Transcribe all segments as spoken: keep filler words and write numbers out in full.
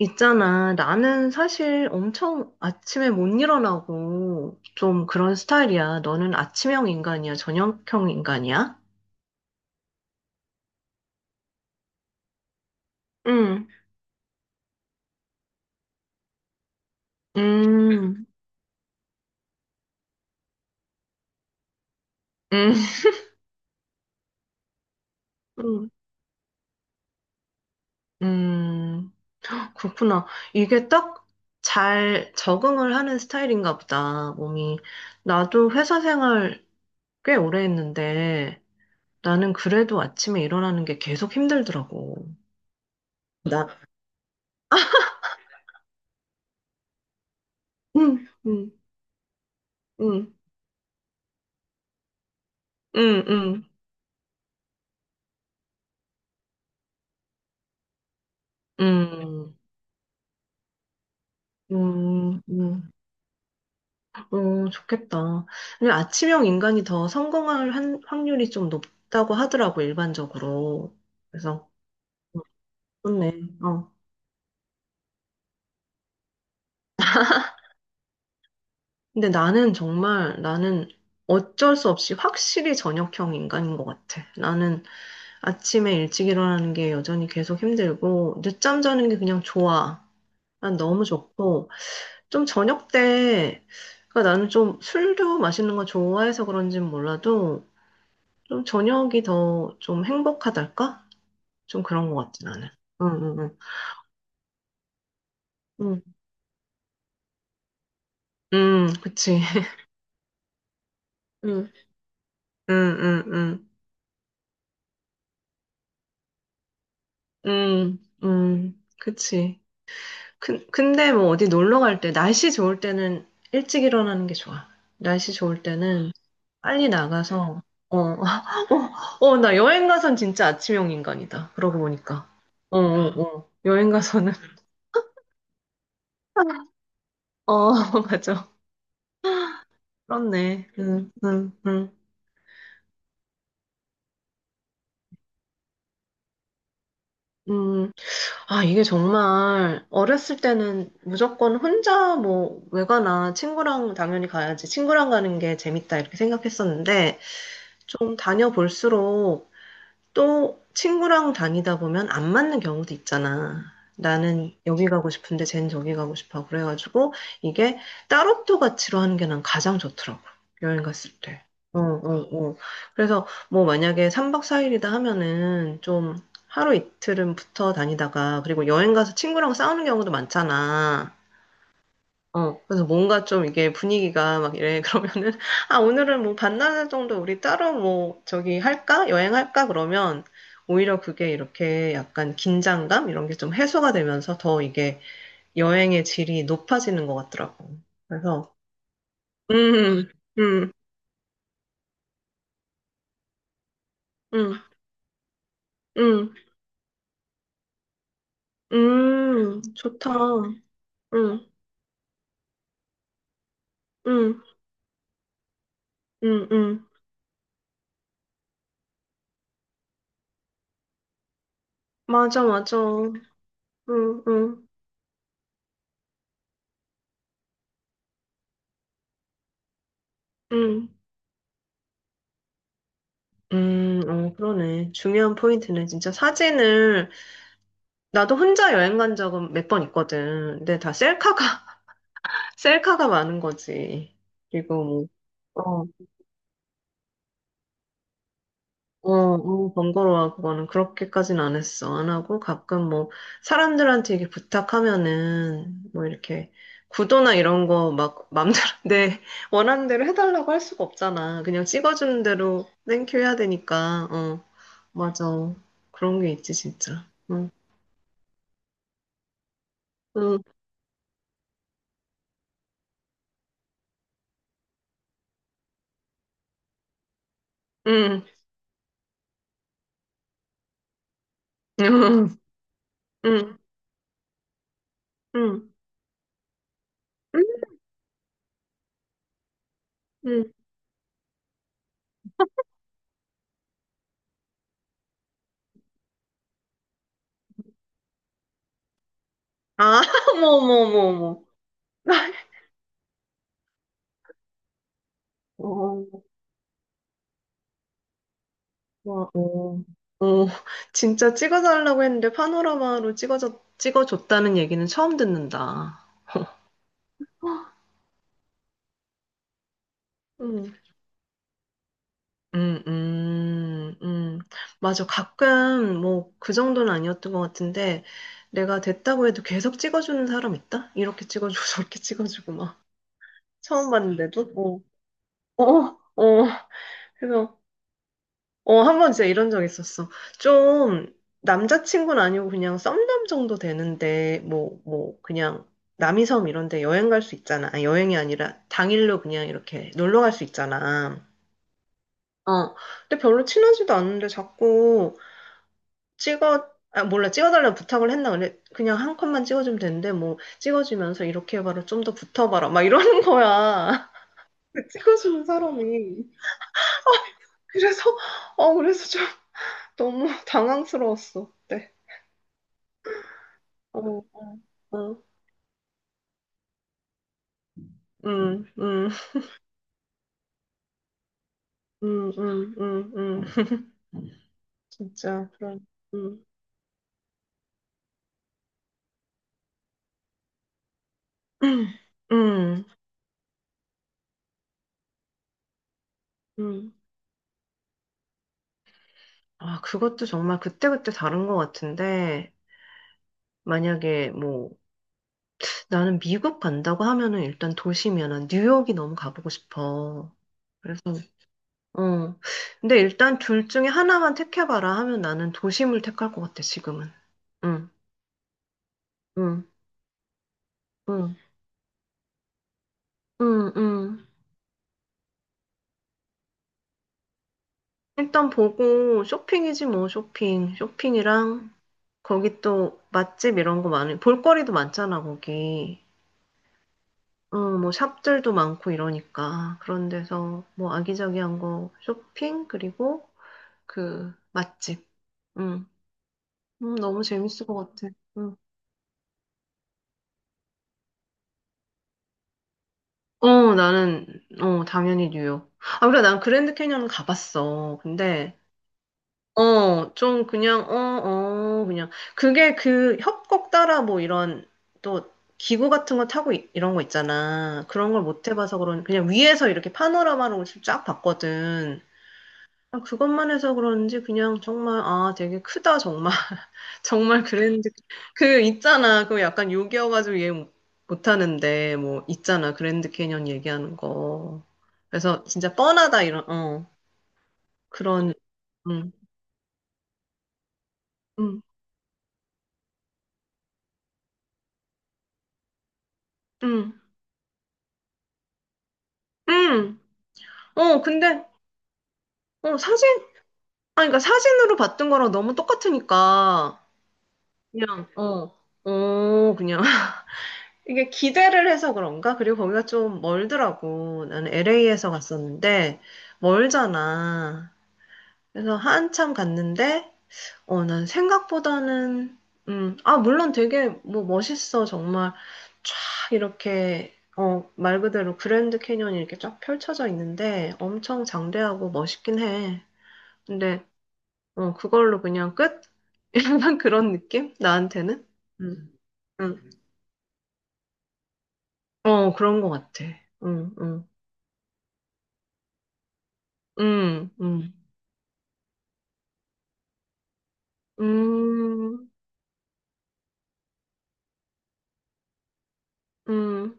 있잖아. 나는 사실 엄청 아침에 못 일어나고 좀 그런 스타일이야. 너는 아침형 인간이야? 저녁형 인간이야? 응, 음, 음, 음, 음. 그렇구나. 이게 딱 잘 적응을 하는 스타일인가 보다, 몸이. 나도 회사 생활 꽤 오래 했는데 나는 그래도 아침에 일어나는 게 계속 힘들더라고. 나, 응, 응, 응, 응, 응, 응. 음, 음, 어, 좋겠다. 근데 아침형 인간이 더 성공할 한- 확률이 좀 높다고 하더라고, 일반적으로. 그래서, 어, 좋네. 어. 근데 나는 정말, 나는 어쩔 수 없이 확실히 저녁형 인간인 것 같아. 나는 아침에 일찍 일어나는 게 여전히 계속 힘들고, 늦잠 자는 게 그냥 좋아. 난 너무 좋고, 좀 저녁 때, 그러니까 나는 좀 술도 마시는 거 좋아해서 그런진 몰라도, 좀 저녁이 더 좀 행복하달까? 좀 그런 것 같진 않는 응, 응, 응. 응, 응, 그치. 응, 응, 응, 응. 응, 응, 그치. 근, 근데 뭐 어디 놀러 갈 때, 날씨 좋을 때는 일찍 일어나는 게 좋아. 날씨 좋을 때는 빨리 나가서, 어, 어, 나 여행 가선 진짜 아침형 인간이다. 그러고 보니까. 어, 어, 어. 여행 가서는, 어, 맞아. 그렇네. 응, 응, 응, 응. 아, 이게 정말 어렸을 때는 무조건 혼자 뭐 외가나 친구랑 당연히 가야지 친구랑 가는 게 재밌다 이렇게 생각했었는데 좀 다녀볼수록 또 친구랑 다니다 보면 안 맞는 경우도 있잖아. 나는 여기 가고 싶은데 쟨 저기 가고 싶어. 그래가지고 이게 따로또 같이로 하는 게 난 가장 좋더라고. 여행 갔을 때. 어, 어, 어. 그래서 뭐 만약에 삼 박 사 일이다 하면은 좀 하루 이틀은 붙어 다니다가 그리고 여행 가서 친구랑 싸우는 경우도 많잖아. 어, 그래서 뭔가 좀 이게 분위기가 막 이래. 그러면은, 아, 오늘은 뭐 반나절 정도 우리 따로 뭐 저기 할까? 여행할까? 그러면 오히려 그게 이렇게 약간 긴장감? 이런 게 좀 해소가 되면서 더 이게 여행의 질이 높아지는 것 같더라고. 그래서, 음, 음, 음, 음, 음, 음, 좋다. 음, 음, 음, 음. 맞아, 맞아. 음, 음, 음. 음, 어, 그러네. 중요한 포인트는 진짜 사진을 나도 혼자 여행 간 적은 몇 번 있거든. 근데 다 셀카가, 셀카가 많은 거지. 그리고 뭐, 어, 어, 어, 번거로워. 그거는 그렇게까지는 안 했어. 안 하고 가끔 뭐, 사람들한테 이게 부탁하면은, 뭐 이렇게, 구도나 이런 거 막 맘대로 내 원하는 대로 해달라고 할 수가 없잖아. 그냥 찍어주는 대로 땡큐 해야 되니까. 어, 맞아. 그런 게 있지, 진짜. 응, 응, 응, 응, 응, 응. 응. 아, 어머, 어머, 어머, 어머. 어, 어, 어, 어. 진짜 찍어달라고 했는데 파노라마로 찍어줬, 찍어줬다는 얘기는 처음 듣는다. 음, 음, 음, 음. 맞아. 가끔 뭐 그 정도는 아니었던 것 같은데 내가 됐다고 해도 계속 찍어주는 사람 있다? 이렇게 찍어주고 저렇게 찍어주고 막 처음 봤는데도. 어, 어, 어. 그래서 어, 한 번 진짜 이런 적 있었어. 좀, 남자친구는 아니고 그냥 썸남 정도 되는데, 뭐, 뭐, 그냥, 남이섬 이런 데 여행 갈 수 있잖아. 아니, 여행이 아니라 당일로 그냥 이렇게 놀러 갈 수 있잖아. 어. 근데 별로 친하지도 않은데 자꾸 찍어, 아, 몰라, 찍어달라고 부탁을 했나? 근데 그냥 한 컷만 찍어주면 되는데, 뭐, 찍어주면서 이렇게 해봐라, 좀 더 붙어봐라, 막 이러는 거야. 그 찍어주는 사람이. 그래서, 어, 그래서 좀 너무 당황스러웠어. 그때. 어. 응, 응, 응, 응, 응, 응, 응. 진짜 그런, 응, 응, 응. 아, 그것도 정말 그때그때 다른 것 같은데, 만약에 뭐, 나는 미국 간다고 하면은 일단 도시면은 뉴욕이 너무 가보고 싶어. 그래서, 어. 근데 일단 둘 중에 하나만 택해봐라 하면 나는 도심을 택할 것 같아, 지금은. 응, 응, 응, 응, 응. 일단 보고 쇼핑이지 뭐, 쇼핑. 쇼핑이랑 거기 또 맛집 이런 거 많이, 볼거리도 많잖아, 거기. 어, 뭐 샵들도 많고 이러니까. 그런 데서 뭐 아기자기한 거 쇼핑, 그리고 그 맛집. 응. 음, 너무 재밌을 것 같아. 응. 어, 나는, 어, 당연히 뉴욕. 아, 그래, 난 그랜드 캐니언은 가봤어. 근데 어, 좀 그냥, 어, 어, 그냥. 그게 그 협곡 따라 뭐 이런 또 기구 같은 거 타고 이- 이런 거 있잖아. 그런 걸 못 해봐서 그런, 그냥 위에서 이렇게 파노라마로 쫙 봤거든. 그냥 그것만 해서 그런지 그냥 정말, 아, 되게 크다, 정말. 정말 그랜드. 그 있잖아. 그 약간 욕이어가지고 이해 못- 못하는데, 뭐, 있잖아. 그랜드 캐년 얘기하는 거. 그래서 진짜 뻔하다, 이런, 어, 그런, 음, 음, 음, 음. 어, 근데, 어, 사진, 아, 그러니까 사진으로 봤던 거랑 너무 똑같으니까, 그냥, 어, 어, 그냥. 이게 기대를 해서 그런가? 그리고 거기가 좀 멀더라고. 나는 엘에이에서 갔었는데, 멀잖아. 그래서 한참 갔는데, 어, 난 생각보다는, 음, 아, 물론 되게 뭐 멋있어. 정말 쫙 이렇게, 어, 말 그대로 그랜드 캐니언이 이렇게 쫙 펼쳐져 있는데, 엄청 장대하고 멋있긴 해. 근데, 어, 그걸로 그냥 끝? 약간 그런 느낌? 나한테는? 응, 응. 어, 그런 것 같아. 응, 응. 응, 응. 음, 음.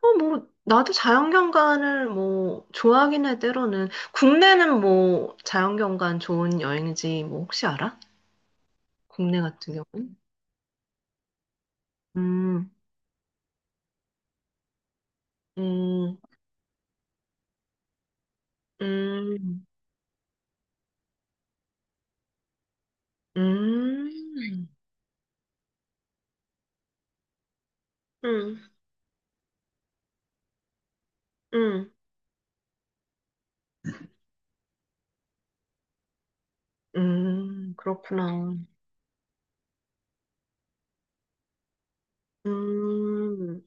어, 뭐, 나도 자연경관을 뭐, 좋아하긴 해, 때로는. 국내는 뭐, 자연경관 좋은 여행지, 뭐, 혹시 알아? 국내 같은 경우는? 음, 음, 음, 음, 음, 음, 음, 그렇구나. 음,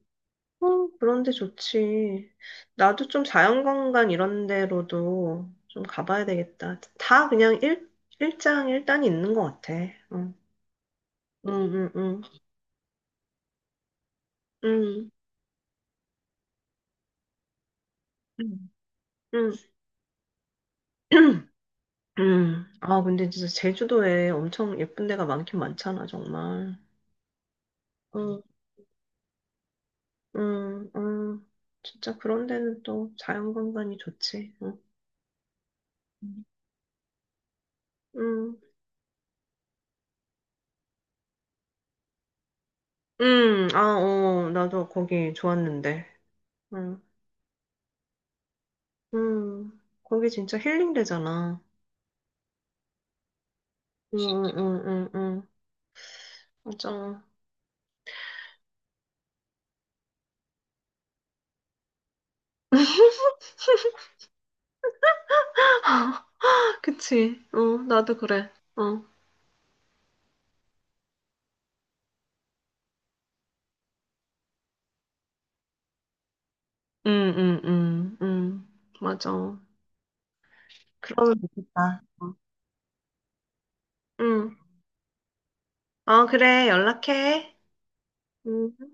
어, 그런데 좋지. 나도 좀 자연관광 이런 데로도 좀 가봐야 되겠다. 다 그냥 일, 일장 일단이 있는 것 같아. 어, 응, 응, 응, 응, 응, 응, 응. 응. 아, 근데 진짜 제주도에 엄청 예쁜 데가 많긴 많잖아, 정말. 응, 응, 응. 진짜 그런 데는 또 자연관광이 좋지. 응, 응, 응. 아, 어, 나도 거기 좋았는데. 응. 음, 거기 진짜 힐링 되잖아. 응, 응, 응, 응, 응. 맞아. 그치. 어, 나도 그래. 어. 응, 응, 응, 응. 맞아. 그러면 좋겠다. 응. 어, 그래. 연락해. 음.